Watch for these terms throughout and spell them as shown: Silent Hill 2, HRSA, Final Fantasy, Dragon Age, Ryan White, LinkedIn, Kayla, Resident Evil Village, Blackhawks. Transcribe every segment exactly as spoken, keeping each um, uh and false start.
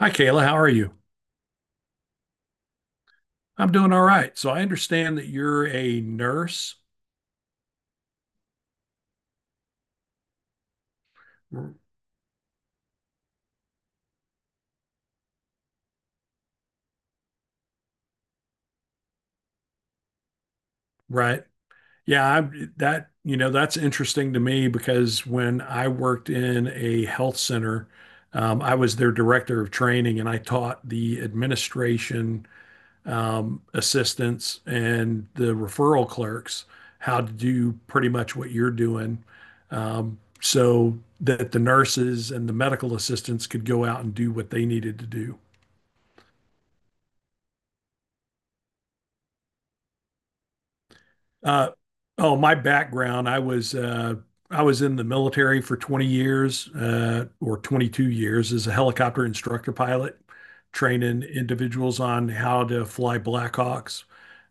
Hi, Kayla. How are you? I'm doing all right. So I understand that you're a nurse, r- right? Yeah, I, that, you know, that's interesting to me because when I worked in a health center, um, I was their director of training and I taught the administration, um, assistants and the referral clerks how to do pretty much what you're doing. Um, so that the nurses and the medical assistants could go out and do what they needed to do. Uh, oh, my background, I was uh, I was in the military for twenty years uh, or twenty-two years as a helicopter instructor pilot, training individuals on how to fly Blackhawks.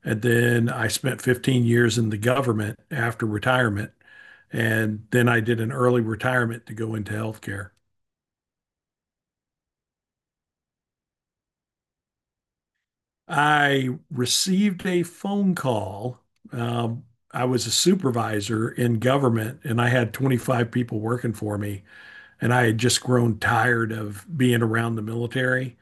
And then I spent fifteen years in the government after retirement. And then I did an early retirement to go into healthcare. I received a phone call. Um, I was a supervisor in government and I had twenty-five people working for me. And I had just grown tired of being around the military.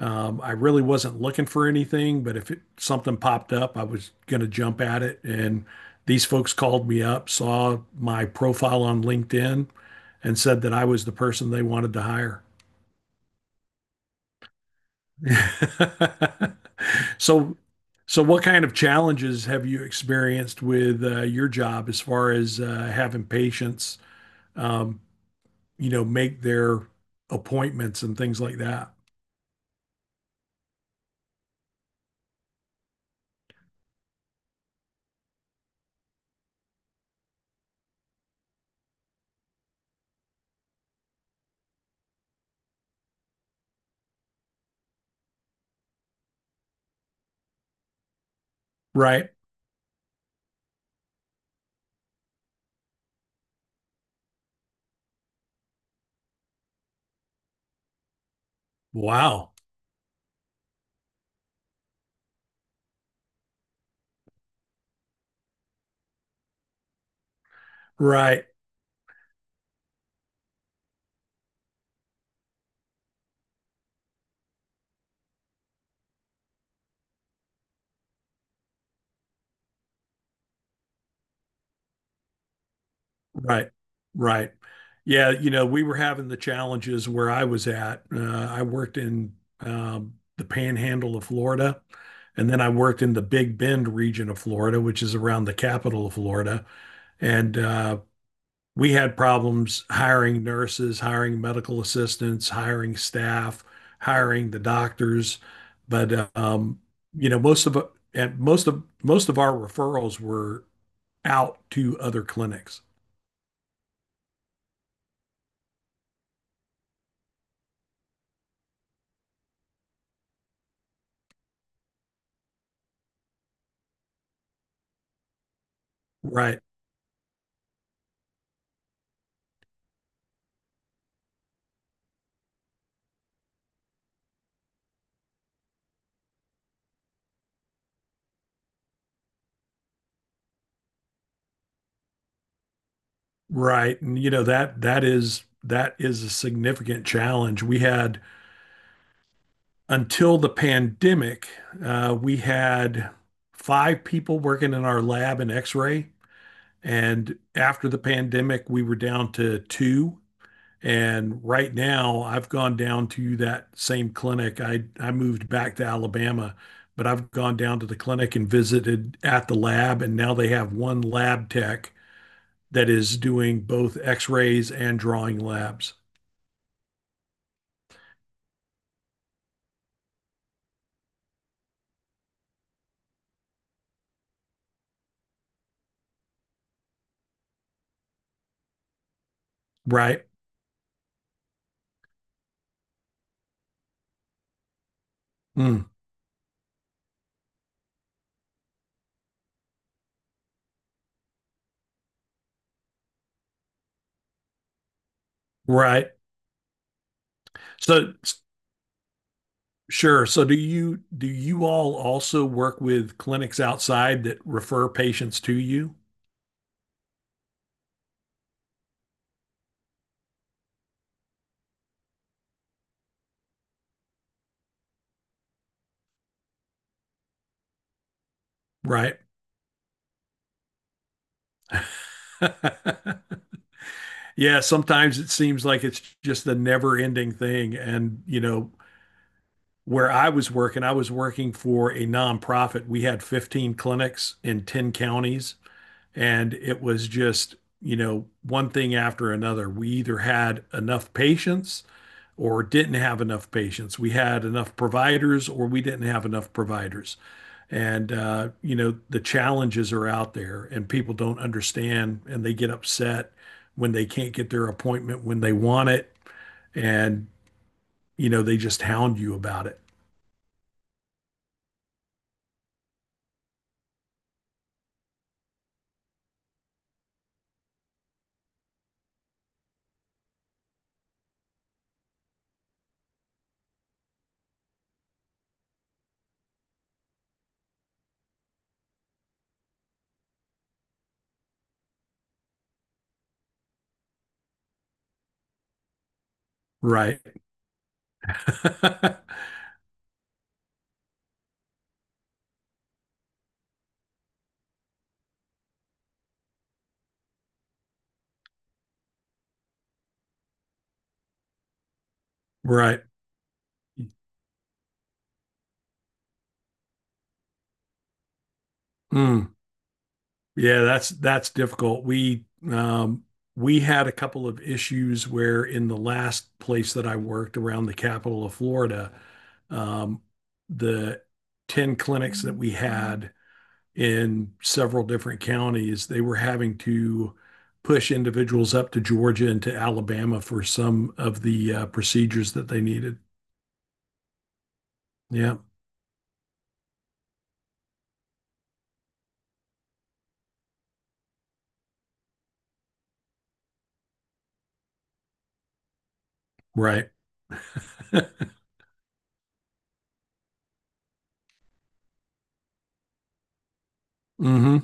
Um, I really wasn't looking for anything, but if it, something popped up, I was going to jump at it. And these folks called me up, saw my profile on LinkedIn, and said that I was the person they wanted to hire. So, so what kind of challenges have you experienced with uh, your job as far as uh, having patients, um, you know, make their appointments and things like that? Right. Wow. Right. Right. Right. Yeah. You know, we were having the challenges where I was at. Uh, I worked in um, the panhandle of Florida, and then I worked in the Big Bend region of Florida, which is around the capital of Florida. And uh, we had problems hiring nurses, hiring medical assistants, hiring staff, hiring the doctors. But, uh, um, you know, most of, uh, and most of, most of our referrals were out to other clinics. Right. Right. And you know that that is that is a significant challenge. We had until the pandemic, uh, we had five people working in our lab in X-ray, and after the pandemic, we were down to two. And right now, I've gone down to that same clinic. I I moved back to Alabama, but I've gone down to the clinic and visited at the lab, and now they have one lab tech that is doing both x-rays and drawing labs. Right. Mm, right. So sure, so do you do you all also work with clinics outside that refer patients to you? Right. Yeah, sometimes it seems like it's just the never ending thing. And you know, where I was working, I was working for a nonprofit, we had fifteen clinics in ten counties. And it was just, you know, one thing after another. We either had enough patients or didn't have enough patients. We had enough providers or we didn't have enough providers. And, uh, you know, the challenges are out there and people don't understand and they get upset when they can't get their appointment when they want it. And, you know, they just hound you about it. Right. Right. Mm. Yeah, that's that's difficult. We um we had a couple of issues where in the last place that I worked around the capital of Florida, um the ten clinics that we had in several different counties, they were having to push individuals up to Georgia and to Alabama for some of the uh, procedures that they needed. Yeah, right. Hmm.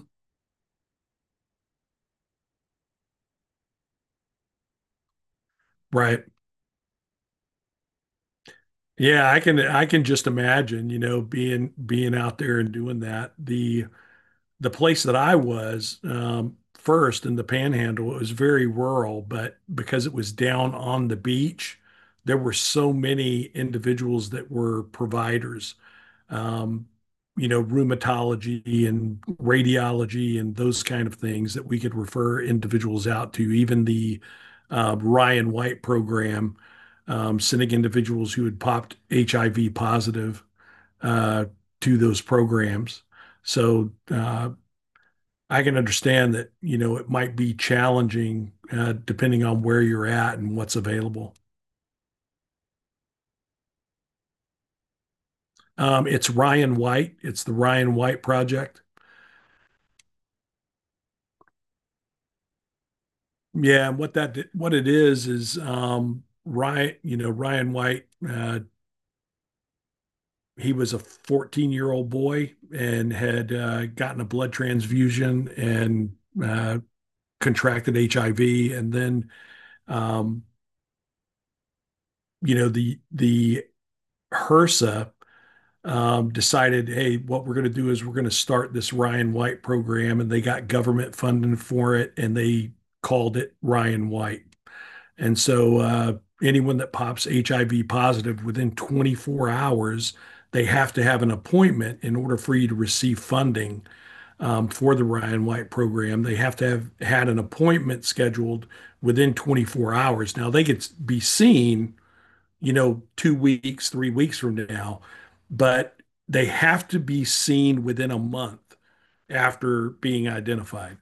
Right. Yeah, I can I can just imagine, you know, being being out there and doing that. The the place that I was um, first in the Panhandle, it was very rural, but because it was down on the beach, there were so many individuals that were providers, um, you know, rheumatology and radiology and those kind of things that we could refer individuals out to. Even the uh, Ryan White program, um, sending individuals who had popped H I V positive uh, to those programs. So uh, I can understand that, you know, it might be challenging uh, depending on where you're at and what's available. Um, it's Ryan White, it's the Ryan White Project. Yeah, and what that what it is is um, Ryan, you know, Ryan White. Uh, he was a fourteen year old boy and had uh, gotten a blood transfusion and uh, contracted H I V, and then um, you know, the the H R S A um, decided, hey, what we're going to do is we're going to start this Ryan White program, and they got government funding for it, and they called it Ryan White. And so uh, anyone that pops H I V positive within twenty-four hours, they have to have an appointment in order for you to receive funding um, for the Ryan White program. They have to have had an appointment scheduled within twenty-four hours. Now they could be seen, you know, two weeks, three weeks from now, but they have to be seen within a month after being identified.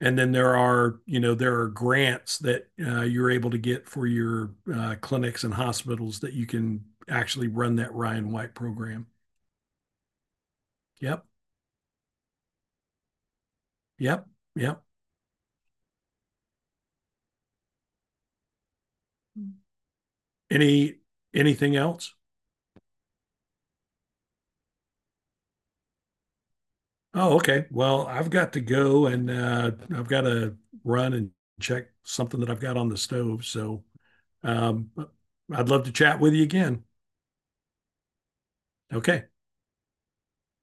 And then there are, you know, there are grants that uh, you're able to get for your uh, clinics and hospitals that you can actually run that Ryan White program. Yep, yep, yep. Any anything else? Oh, okay. Well, I've got to go and uh, I've got to run and check something that I've got on the stove. So um, I'd love to chat with you again. Okay.